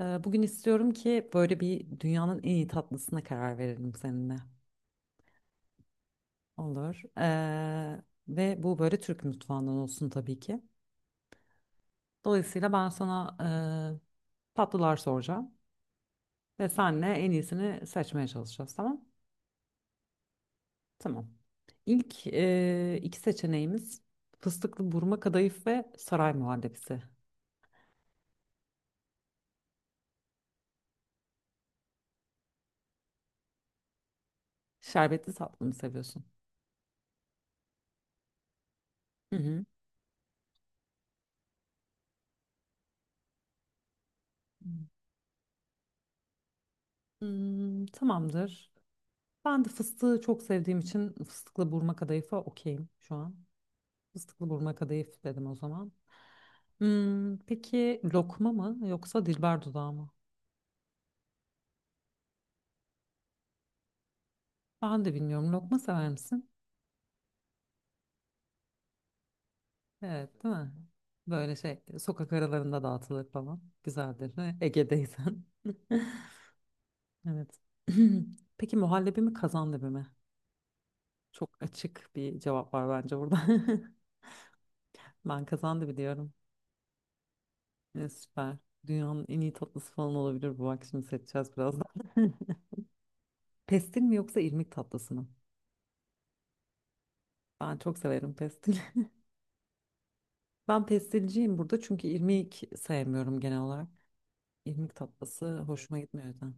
Bugün istiyorum ki böyle bir dünyanın en iyi tatlısına karar verelim seninle. Olur. Ve bu böyle Türk mutfağından olsun tabii ki. Dolayısıyla ben sana tatlılar soracağım. Ve senle en iyisini seçmeye çalışacağız, tamam? Tamam. İlk iki seçeneğimiz fıstıklı burma kadayıf ve saray muhallebisi. Şerbetli tatlı mı seviyorsun? Hı hı. Hmm, tamamdır. Ben de fıstığı çok sevdiğim için fıstıklı burma kadayıfa okeyim şu an. Fıstıklı burma kadayıf dedim o zaman. Hmm, peki lokma mı yoksa dilber dudağı mı? Ben de bilmiyorum. Lokma sever misin? Evet, değil mi? Böyle şey sokak aralarında dağıtılır falan. Güzeldir. Ne? Ege'deysen. Evet. Peki muhallebi mi kazandibi mi? Çok açık bir cevap var bence burada. Ben kazandibi diyorum. Ne süper. Dünyanın en iyi tatlısı falan olabilir bu. Bak şimdi seçeceğiz birazdan. Pestil mi yoksa irmik tatlısı mı? Ben çok severim pestil. Ben pestilciyim burada çünkü irmik sevmiyorum genel olarak. İrmik tatlısı hoşuma gitmiyor zaten.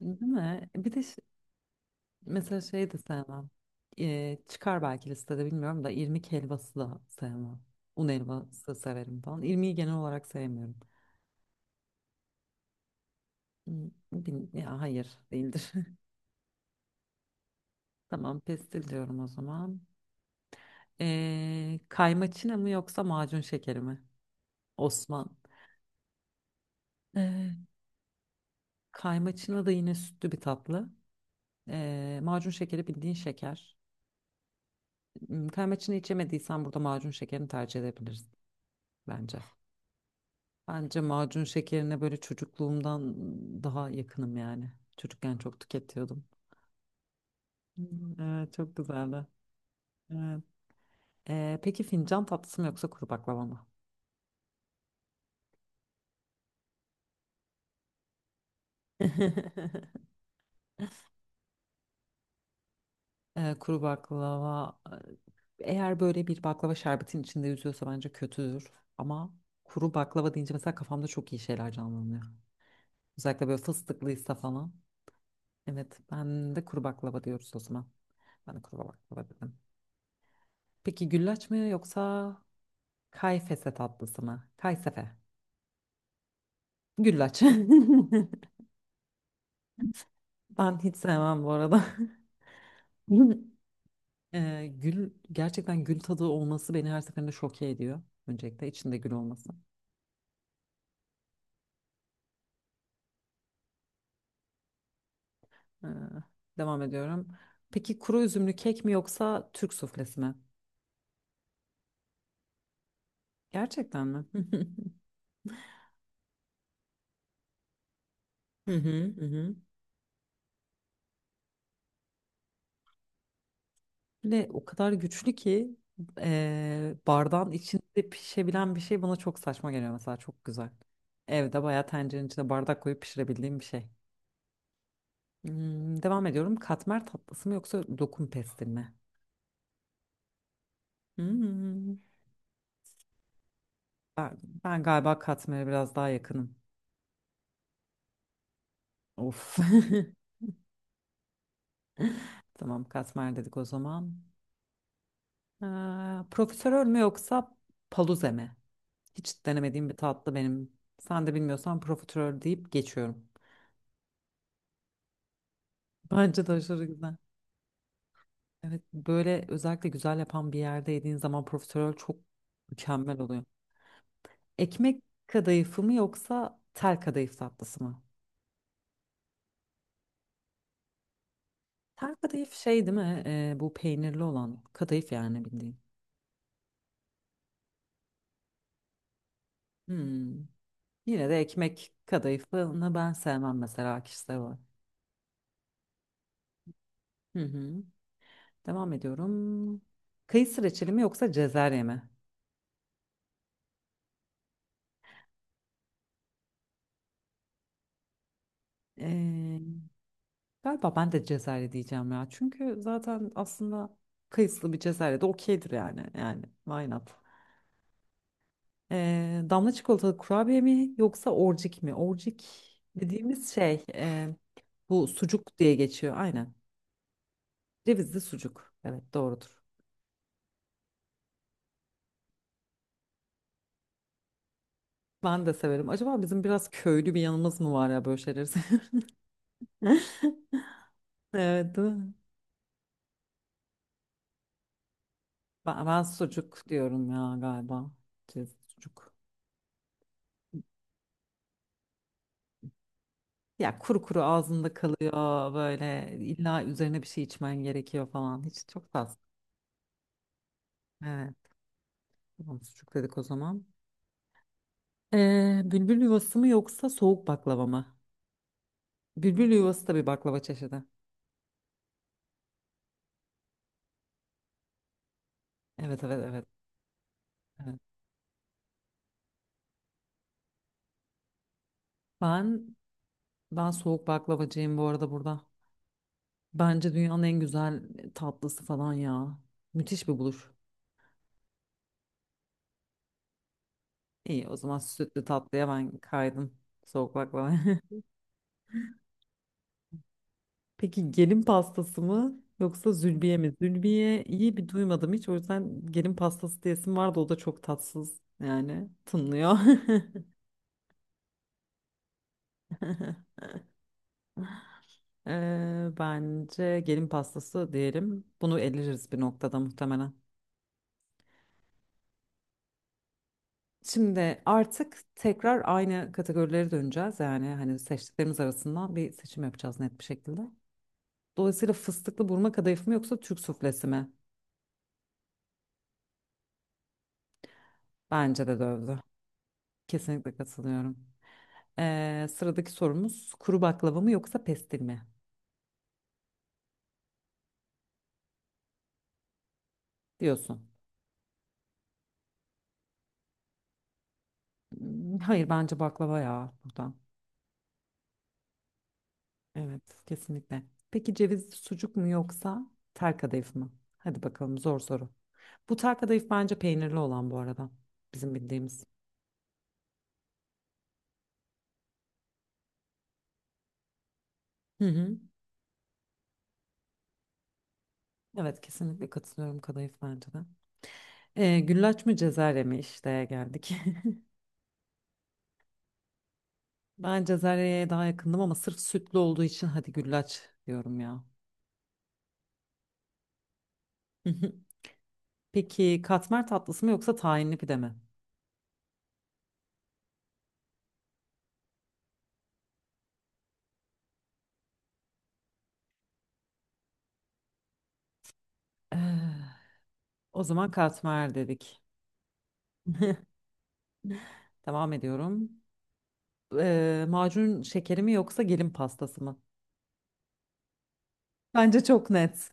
Değil mi? Mesela şey de sevmem. Çıkar belki listede bilmiyorum da irmik helvası da sevmem. Un helvası severim falan. İrmiği genel olarak sevmiyorum. Hmm, ya hayır değildir. Tamam pestil diyorum o zaman. Kaymaçına mı yoksa macun şekeri mi? Osman. Ee, Kaymaçına da yine sütlü bir tatlı. Macun şekeri bildiğin şeker. Hmm, kaymaçını içemediysen burada macun şekerini tercih edebilirsin bence. Bence macun şekerine böyle çocukluğumdan daha yakınım yani. Çocukken çok tüketiyordum. Hmm, evet çok güzeldi. Evet. Peki fincan tatlısı mı yoksa kuru baklava mı? Kuru baklava, eğer böyle bir baklava şerbetin içinde yüzüyorsa bence kötüdür. Ama kuru baklava deyince mesela kafamda çok iyi şeyler canlanıyor. Özellikle böyle fıstıklıysa falan. Evet, ben de kuru baklava diyoruz o zaman. Ben de kuru baklava dedim. Peki güllaç mı yoksa kayfese tatlısı mı? Kaysefe. Güllaç. Ben hiç sevmem bu arada. Gül gerçekten, gül tadı olması beni her seferinde şoke ediyor. Öncelikle içinde gül olması. Ee, Devam ediyorum. Peki kuru üzümlü kek mi yoksa Türk suflesi mi? Gerçekten mi? Hı hı hı. Hı. Ve o kadar güçlü ki bardağın içinde pişebilen bir şey bana çok saçma geliyor mesela, çok güzel. Evde bayağı tencerenin içine bardak koyup pişirebildiğim bir şey. Hmm, devam ediyorum. Katmer tatlısı mı yoksa lokum pestil mi? Hmm, Ben, ben galiba katmere biraz daha yakınım. Of. Tamam katmer dedik o zaman. Profiterol mü yoksa paluze mi? Hiç denemediğim bir tatlı benim. Sen de bilmiyorsan profiterol deyip geçiyorum. Bence de aşırı güzel. Evet, böyle özellikle güzel yapan bir yerde yediğin zaman profiterol çok mükemmel oluyor. Ekmek kadayıfı mı yoksa tel kadayıf tatlısı mı? Tel kadayıf şey değil mi? Bu peynirli olan kadayıf yani bildiğin. Hmm. Yine de ekmek kadayıfını ben sevmem mesela kişisel olarak. Hı hı. Devam ediyorum. Kayısı reçeli mi yoksa cezerye mi? Ee, Galiba ben de cezerye diyeceğim ya. Çünkü zaten aslında kayısılı bir cezerye de okeydir yani. Yani why not? Damla çikolatalı kurabiye mi yoksa orcik mi? Orcik dediğimiz şey, bu sucuk diye geçiyor. Aynen. Cevizli sucuk. Evet doğrudur. Ben de severim. Acaba bizim biraz köylü bir yanımız mı var ya böyle şeyleri seviyoruz? Evet. Değil mi? Ben sucuk diyorum ya galiba. Sucuk. Ya kuru kuru ağzında kalıyor, böyle illa üzerine bir şey içmen gerekiyor falan. Hiç, çok fazla. Evet. Tamam sucuk dedik o zaman. Bülbül yuvası mı yoksa soğuk baklava mı? Bülbül yuvası da bir baklava çeşidi. Evet evet evet. Evet. Ben ben soğuk baklavacıyım bu arada burada. Bence dünyanın en güzel tatlısı falan ya. Müthiş bir buluş. İyi, o zaman sütlü tatlıya ben kaydım. Soğuk baklava. Peki gelin pastası mı yoksa zülbiye mi? Zülbiye iyi bir duymadım hiç. O yüzden gelin pastası diyesim vardı. O da çok tatsız yani tınlıyor. Bence gelin pastası diyelim. Bunu eleriz bir noktada muhtemelen. Şimdi artık tekrar aynı kategorilere döneceğiz. Yani hani seçtiklerimiz arasından bir seçim yapacağız net bir şekilde. Dolayısıyla fıstıklı burma kadayıf mı yoksa Türk suflesi mi? Bence de dövdü. Kesinlikle katılıyorum. Sıradaki sorumuz kuru baklava mı yoksa pestil mi diyorsun. Hmm, hayır bence baklava ya buradan. Evet kesinlikle. Peki cevizli sucuk mu yoksa tel kadayıf mı? Hadi bakalım, zor soru. Bu tel kadayıf bence peynirli olan bu arada, bizim bildiğimiz. Hı hı. Evet kesinlikle katılıyorum, kadayıf bence de. Güllaç mı cezerye mi, işte geldik. Ben cezeryeye daha yakındım ama sırf sütlü olduğu için hadi güllaç diyorum ya. Peki katmer tatlısı mı yoksa tahinli pide mi? Eh, O zaman katmer dedik. Devam ediyorum. Macun şekeri mi yoksa gelin pastası mı? Bence çok net.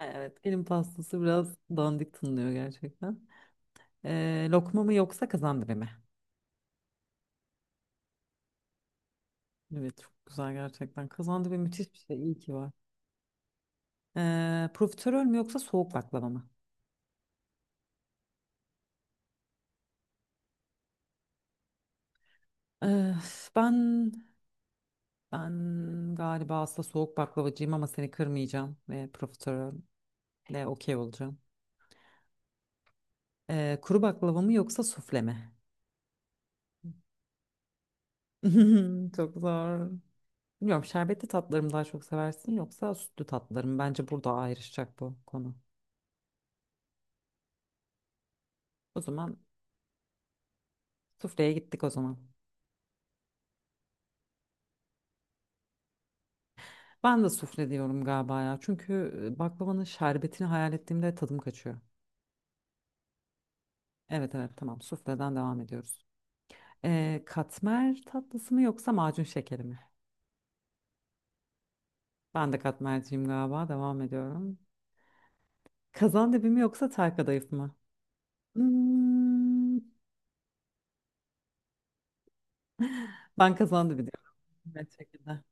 Evet, gelin pastası biraz dandik tınlıyor gerçekten. Lokma mı yoksa kazandibi mi? Evet, çok güzel gerçekten. Kazandibi müthiş bir şey, iyi ki var. Profiterol mü yoksa soğuk baklava mı? Eh, ben ben galiba aslında soğuk baklavacıyım ama seni kırmayacağım ve profiterol. Ne okey olacağım. Kuru baklava mı yoksa sufle mi? Çok zor. Bilmiyorum, şerbetli tatlarımı daha çok seversin yoksa sütlü tatlarım. Bence burada ayrışacak bu konu. O zaman sufleye gittik o zaman. Ben de sufle diyorum galiba ya. Çünkü baklavanın şerbetini hayal ettiğimde tadım kaçıyor. Evet evet, tamam sufleden devam ediyoruz. Katmer tatlısı mı yoksa macun şekeri mi? Ben de katmerciyim galiba, devam ediyorum. Kazandibi mi yoksa tel kadayıf mı? Hmm, ben kazandı biliyorum. Evet, şekilde.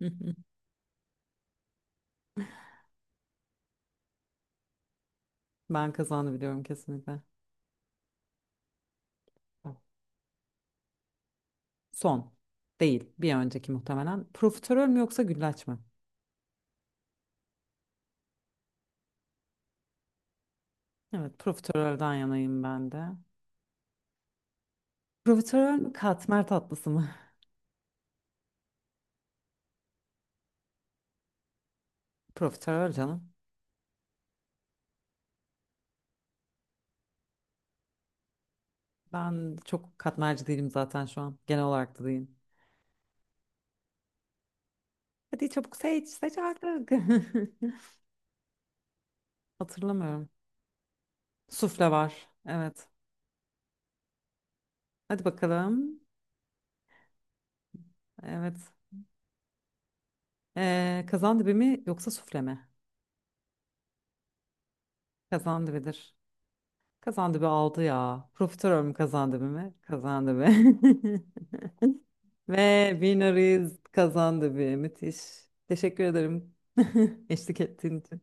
Ben kazandı biliyorum kesinlikle. Son. Değil. Bir önceki muhtemelen. Profiterol mü yoksa güllaç mı? Evet, profiterolden yanayım ben de. Profiterol mü katmer tatlısı mı? Profiterol canım. Ben çok katmerci değilim zaten şu an. Genel olarak da değilim. Hadi çabuk seç, seç artık. Hatırlamıyorum. Sufle var. Evet. Hadi bakalım. Evet. Kazandibi mi yoksa sufle mi? Kazandibidir. Kazandı bir aldı ya. Profiterol mü kazandı bir mi? Kazandı bir. Ve winner kazandı bir. Müthiş. Teşekkür ederim. Eşlik ettiğin için.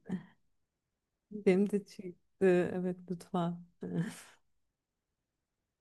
Benim de çıktı. Evet lütfen.